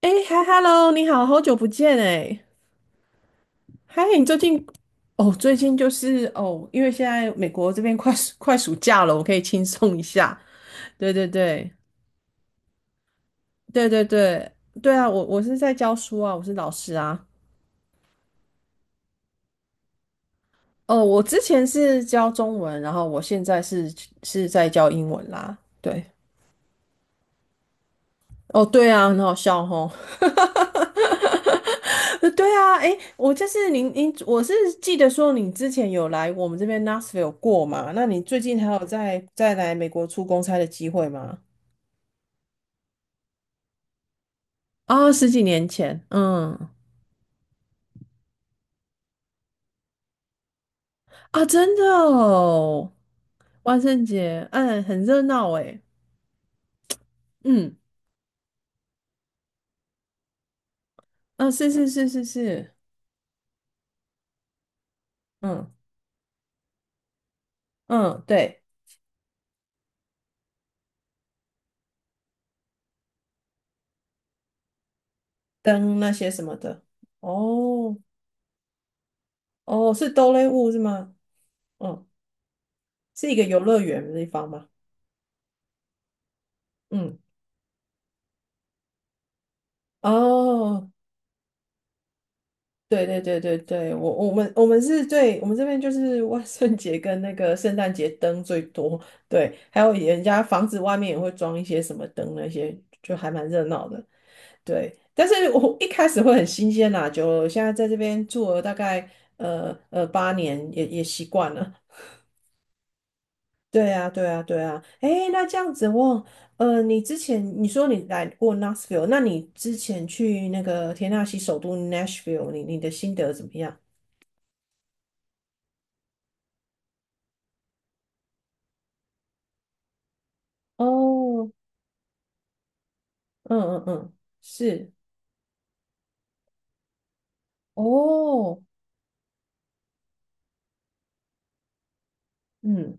哎，嗨，Hello，你好，好久不见哎。嗨，你最近哦，最近就是哦，因为现在美国这边快暑假了，我可以轻松一下。对对对对对对，对啊，我是在教书啊，我是老师啊。哦，我之前是教中文，然后我现在是在教英文啦。对，哦，对啊，很好笑吼。对啊，诶，我就是您，我是记得说你之前有来我们这边 Nashville 过嘛？那你最近还有再来美国出公差的机会吗？啊，十几年前，嗯。啊，真的哦。万圣节，嗯，很热闹诶。嗯，啊，是是是是是。嗯嗯，对，灯那些什么的。哦哦，是哆啦 A 梦是吗？嗯，是一个游乐园的地方吗？嗯，哦。对对对对对，我们这边就是万圣节跟那个圣诞节灯最多，对，还有人家房子外面也会装一些什么灯那些，就还蛮热闹的，对。但是我一开始会很新鲜啦，就了，现在在这边住了大概8年，也也习惯了。对啊，对啊，对啊。诶，那这样子我。你之前你说你来过 n a s h v i l l e 那你之前去那个田纳西首都 Nashville,你你的心得怎么样？哦，嗯嗯嗯，是哦，嗯。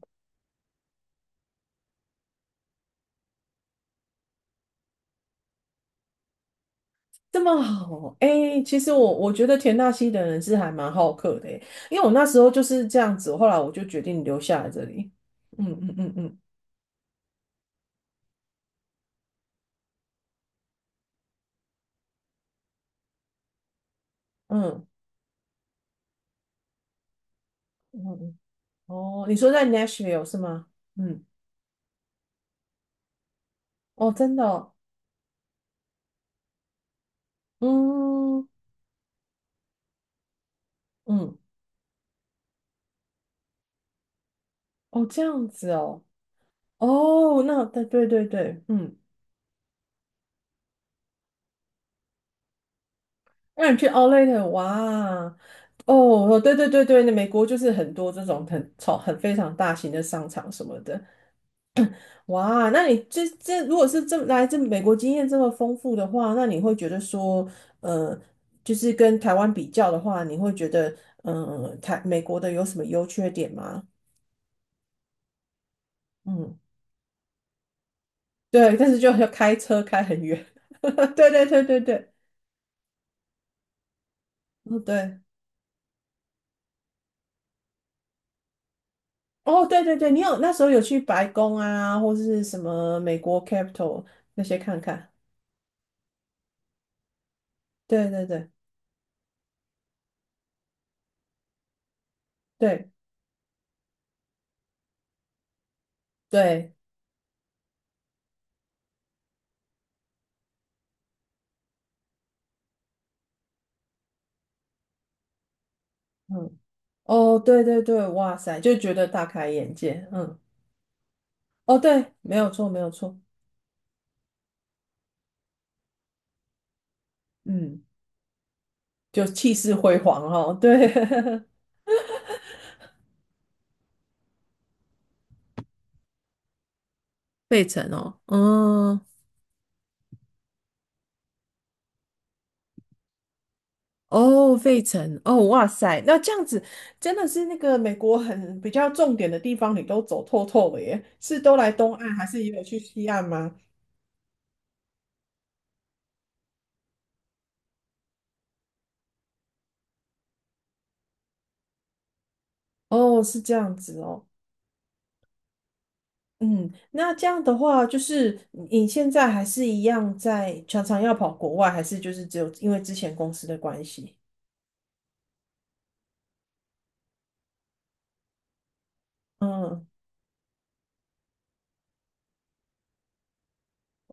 这么好哎，其实我觉得田纳西的人是还蛮好客的，诶因为我那时候就是这样子，后来我就决定留下来这里。嗯嗯嗯嗯嗯嗯嗯，哦，你说在 Nashville 是吗？嗯，哦，真的哦，嗯嗯，哦，这样子哦，哦，那对对对对，嗯，那你去 Outlet 哇，哦哦，对对对对，那美国就是很多这种很超很非常大型的商场什么的。哇，那你这这如果是这来自美国经验这么丰富的话，那你会觉得说，呃，就是跟台湾比较的话，你会觉得，嗯，台美国的有什么优缺点吗？嗯，对，但是就要开车开很远。对对对对对，哦对，哦对对对，你有那时候有去白宫啊，或是什么美国 c a p i t a l 那些看看。对对对对。对，嗯，哦，对对对，哇塞，就觉得大开眼界，嗯，哦，对，没有错，没有错，嗯，就气势辉煌哦，对，费城哦，嗯，哦，费城，哦，哇塞，那这样子真的是那个美国很比较重点的地方，你都走透透了耶，是都来东岸，还是也有去西岸吗？哦，是这样子哦，嗯，那这样的话，就是你现在还是一样在常常要跑国外，还是就是只有因为之前公司的关系？嗯，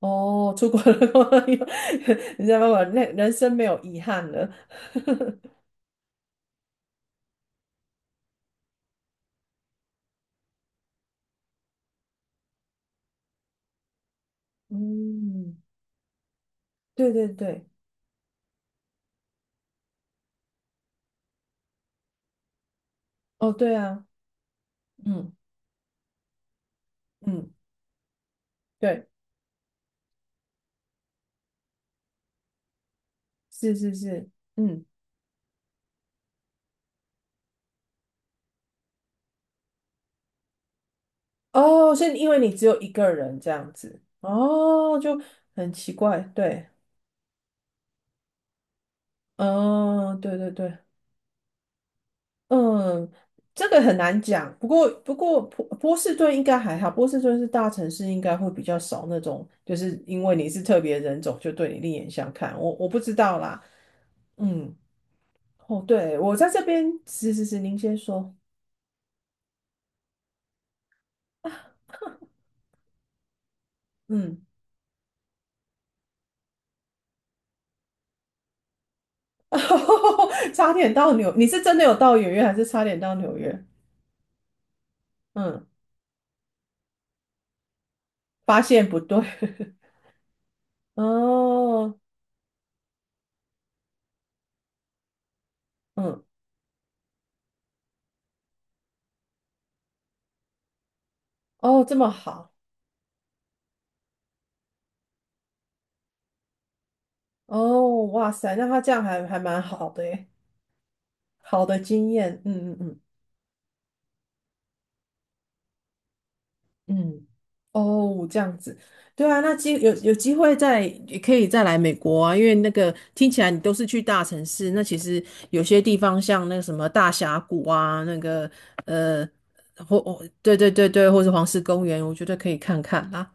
哦，出国了，你知道吗？那人生没有遗憾了。嗯，对对对，哦，对啊，嗯嗯，对，是是是，嗯，哦，是因为你只有一个人这样子，哦，就很奇怪，对，哦，对对对。嗯，这个很难讲。不过，不过波士顿应该还好，波士顿是大城市，应该会比较少那种，就是因为你是特别人种，就对你另眼相看。我不知道啦。嗯，哦，对，我在这边，是是是，您先说。嗯，差点到纽，你是真的有到纽约，还是差点到纽约？嗯，发现不对。哦，嗯，哦，这么好。哦，哇塞，那他这样还还蛮好的耶，好的经验。嗯嗯嗯。嗯，哦，这样子，对啊，那机有机会再也可以再来美国啊，因为那个听起来你都是去大城市，那其实有些地方像那个什么大峡谷啊，那个呃，或、哦、对对对对，或是黄石公园，我觉得可以看看啊。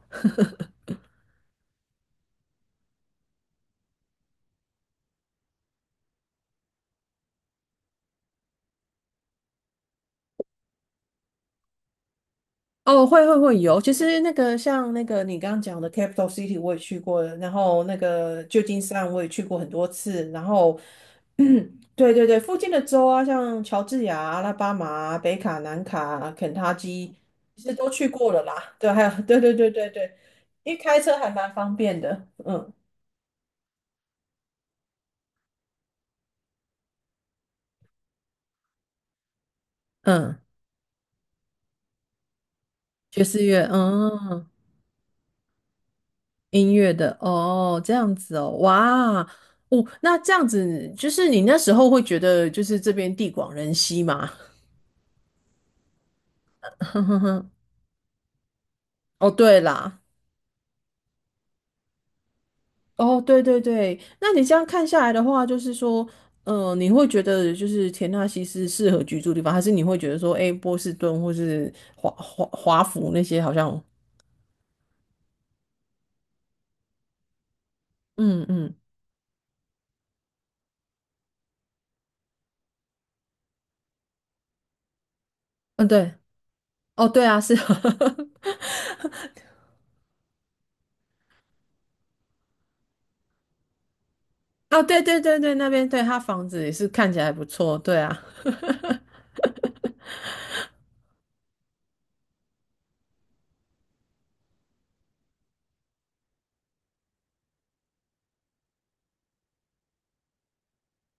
哦，会有。其实那个像那个你刚刚讲的 Capital City 我也去过了，然后那个旧金山我也去过很多次，然后，对对对，附近的州啊，像乔治亚、阿拉巴马、北卡、南卡、肯塔基，其实都去过了啦。对，还有对对对对对，因为开车还蛮方便的。嗯嗯，爵士乐，嗯。音乐的哦，这样子哦，哇，哦，那这样子就是你那时候会觉得就是这边地广人稀嘛，哦，对啦，哦，对对对，那你这样看下来的话，就是说，你会觉得就是田纳西是适合居住的地方，还是你会觉得说，哎，波士顿或是华府那些好像，嗯嗯嗯，对，哦，对啊，是。啊，对对对对，那边对他房子也是看起来不错，对啊。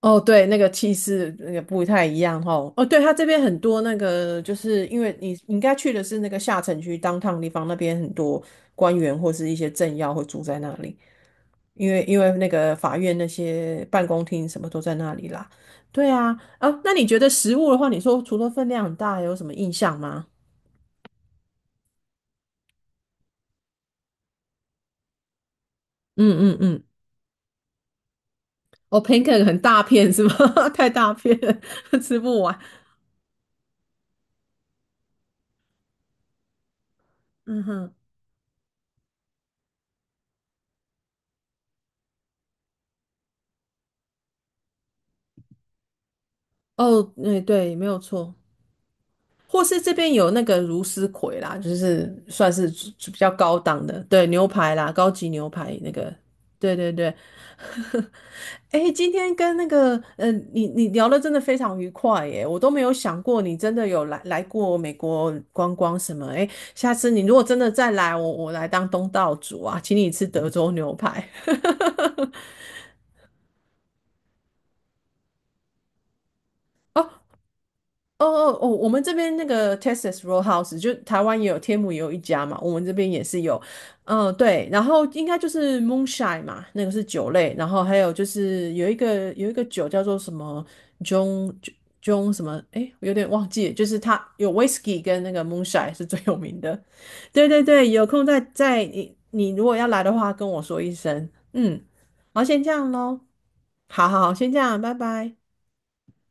哦，对，那个气势那个不太一样哦。哦，对，它这边很多那个，就是因为你你应该去的是那个下城区 d o w 地方，那边很多官员或是一些政要会住在那里，因为因为那个法院那些办公厅什么都在那里啦。对啊，啊，那你觉得食物的话，你说除了分量很大，有什么印象吗？嗯嗯嗯，哦，pancake 很大片是吗？太大片了 吃不完。嗯哼，哦，对对，没有错。或是这边有那个茹丝葵啦，就是算是比较高档的，对，牛排啦，高级牛排那个，对对对。哎今天跟那个，你你聊的真的非常愉快耶，我都没有想过你真的有来过美国观光什么，哎，下次你如果真的再来，我来当东道主啊，请你吃德州牛排。哦，哦哦哦，我们这边那个 Texas Roadhouse 就台湾也有，天母也有一家嘛，我们这边也是有，嗯，对，然后应该就是 Moonshine 嘛，那个是酒类，然后还有就是有一个酒叫做什么 John John 什么，诶，我有点忘记了，就是它有 Whisky 跟那个 Moonshine 是最有名的，对对对，有空再你如果要来的话跟我说一声，嗯，好，先这样喽，好好好，先这样，拜拜。